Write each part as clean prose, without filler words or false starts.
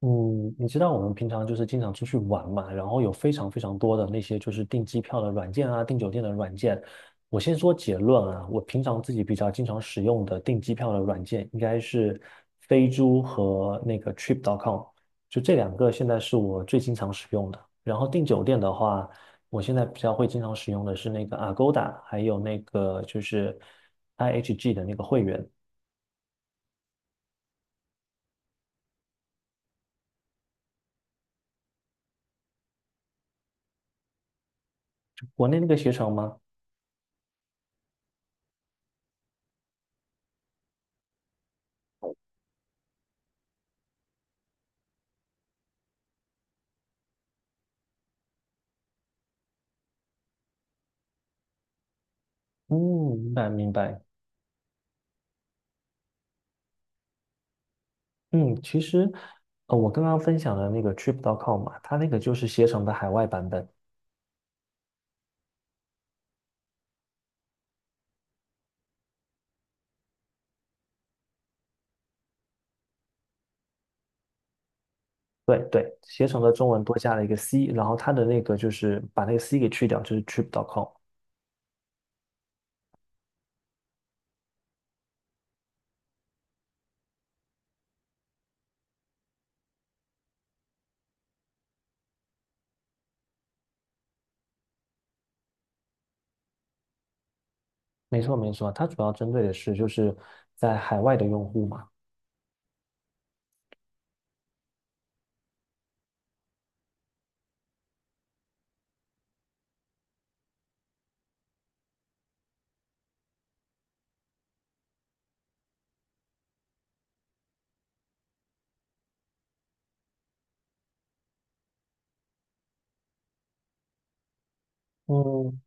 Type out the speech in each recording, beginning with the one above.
嗯，你知道我们平常就是经常出去玩嘛，然后有非常非常多的那些就是订机票的软件啊，订酒店的软件。我先说结论啊，我平常自己比较经常使用的订机票的软件应该是飞猪和那个 Trip.com,就这两个现在是我最经常使用的。然后订酒店的话，我现在比较会经常使用的是那个 Agoda,还有那个就是 IHG 的那个会员。国内那个携程吗？嗯，明白明白。嗯，其实，我刚刚分享的那个 Trip.com 嘛，它那个就是携程的海外版本。对对，携程的中文多加了一个 C,然后它的那个就是把那个 C 给去掉，就是 Trip.com。没错没错，它主要针对的是就是在海外的用户嘛。嗯，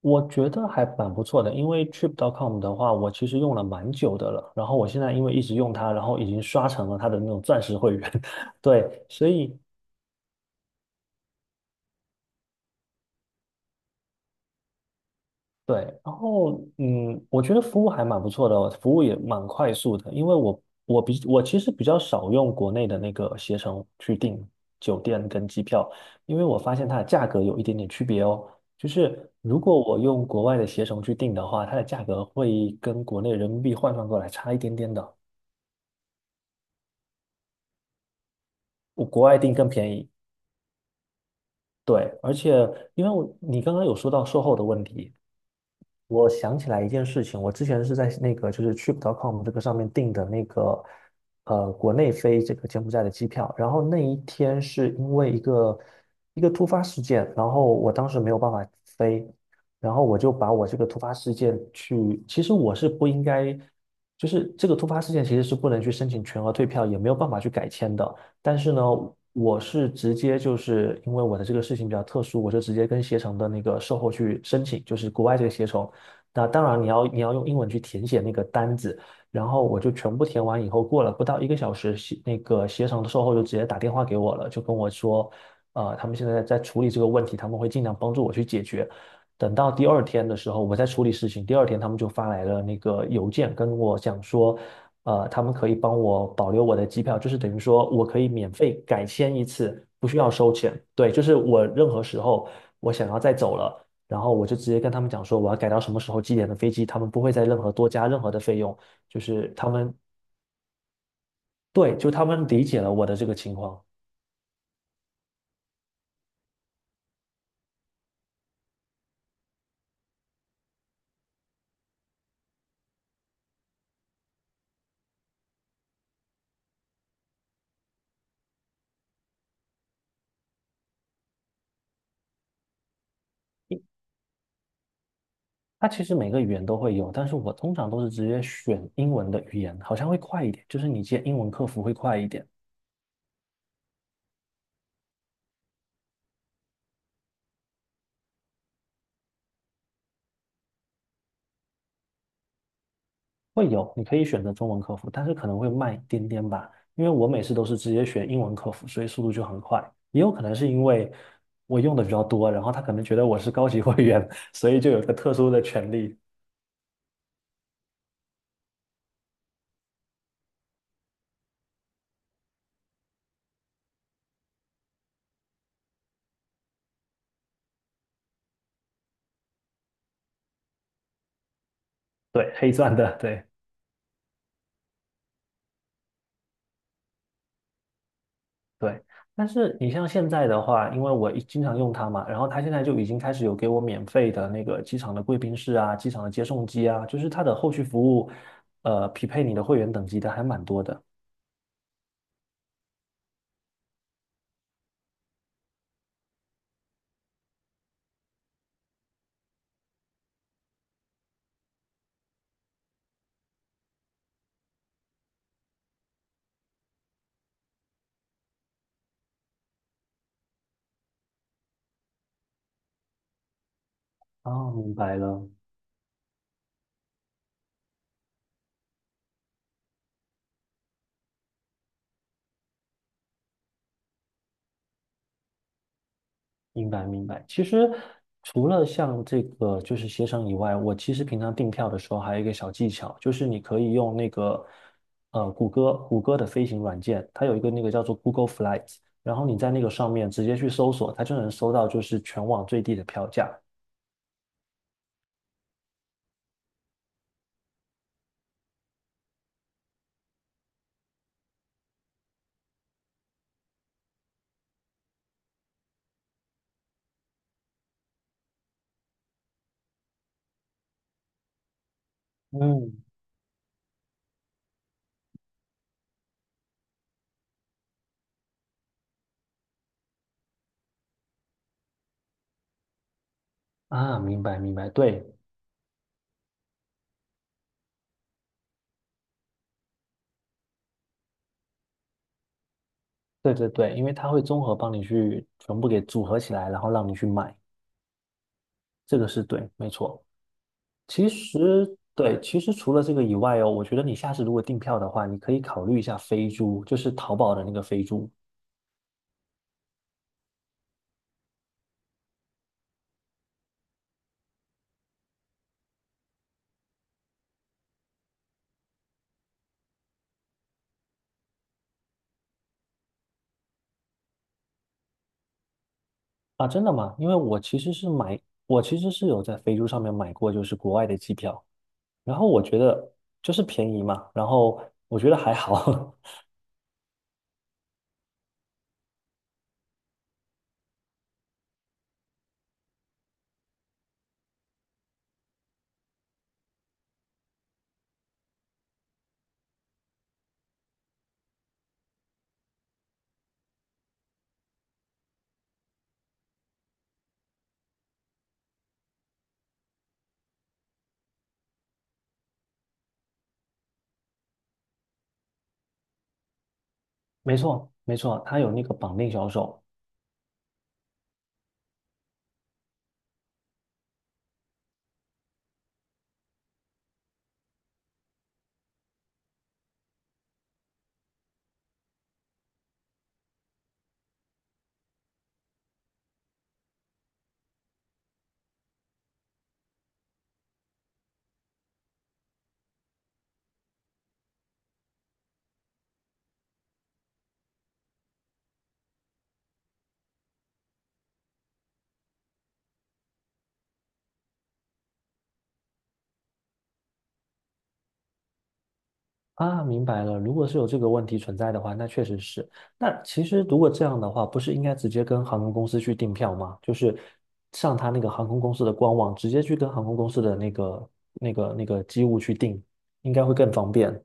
我觉得还蛮不错的，因为 Trip.com 的话，我其实用了蛮久的了，然后我现在因为一直用它，然后已经刷成了它的那种钻石会员。对，所以对，然后我觉得服务还蛮不错的哦，服务也蛮快速的，因为我其实比较少用国内的那个携程去订酒店跟机票，因为我发现它的价格有一点点区别哦。就是如果我用国外的携程去订的话，它的价格会跟国内人民币换算过来差一点点的，我国外订更便宜。对，而且因为你刚刚有说到售后的问题。我想起来一件事情，我之前是在那个就是 Trip.com 这个上面订的那个国内飞这个柬埔寨的机票，然后那一天是因为一个突发事件，然后我当时没有办法飞，然后我就把我这个突发事件去，其实我是不应该，就是这个突发事件其实是不能去申请全额退票，也没有办法去改签的，但是呢，我是直接就是因为我的这个事情比较特殊，我就直接跟携程的那个售后去申请，就是国外这个携程。那当然你要用英文去填写那个单子，然后我就全部填完以后，过了不到一个小时，携那个携程的售后就直接打电话给我了，就跟我说，他们现在在处理这个问题，他们会尽量帮助我去解决。等到第二天的时候，我在处理事情。第二天，他们就发来了那个邮件，跟我讲说，他们可以帮我保留我的机票，就是等于说我可以免费改签一次，不需要收钱。对，就是我任何时候我想要再走了，然后我就直接跟他们讲说我要改到什么时候几点的飞机，他们不会再任何多加任何的费用，就是他们对，就他们理解了我的这个情况。它其实每个语言都会有，但是我通常都是直接选英文的语言，好像会快一点，就是你接英文客服会快一点。会有，你可以选择中文客服，但是可能会慢一点点吧，因为我每次都是直接选英文客服，所以速度就很快。也有可能是因为我用的比较多，然后他可能觉得我是高级会员，所以就有一个特殊的权利，对，黑钻的，对对。但是你像现在的话，因为我一经常用它嘛，然后它现在就已经开始有给我免费的那个机场的贵宾室啊、机场的接送机啊，就是它的后续服务，匹配你的会员等级的还蛮多的。哦，明白了。明白明白。其实除了像这个就是协商以外，我其实平常订票的时候还有一个小技巧，就是你可以用那个谷歌的飞行软件，它有一个那个叫做 Google Flights,然后你在那个上面直接去搜索，它就能搜到就是全网最低的票价。嗯，啊，明白明白，对对对对，因为它会综合帮你去全部给组合起来，然后让你去买，这个是对，没错。其实对，其实除了这个以外哦，我觉得你下次如果订票的话，你可以考虑一下飞猪，就是淘宝的那个飞猪啊，真的吗？因为我其实是有在飞猪上面买过，就是国外的机票，然后我觉得就是便宜嘛，然后我觉得还好，没错没错，它有那个绑定销售，啊，明白了。如果是有这个问题存在的话，那确实是。那其实如果这样的话，不是应该直接跟航空公司去订票吗？就是上他那个航空公司的官网，直接去跟航空公司的那个机务去订，应该会更方便。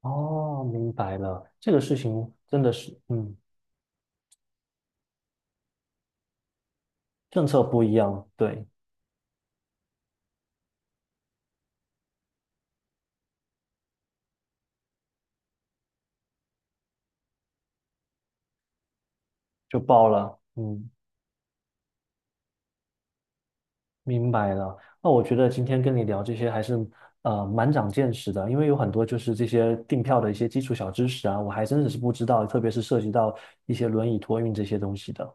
哦，明白了。这个事情真的是，嗯，政策不一样，对，就报了。嗯。明白了，那我觉得今天跟你聊这些还是蛮长见识的，因为有很多就是这些订票的一些基础小知识啊，我还真的是不知道，特别是涉及到一些轮椅托运这些东西的。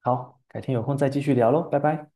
好，改天有空再继续聊喽，拜拜。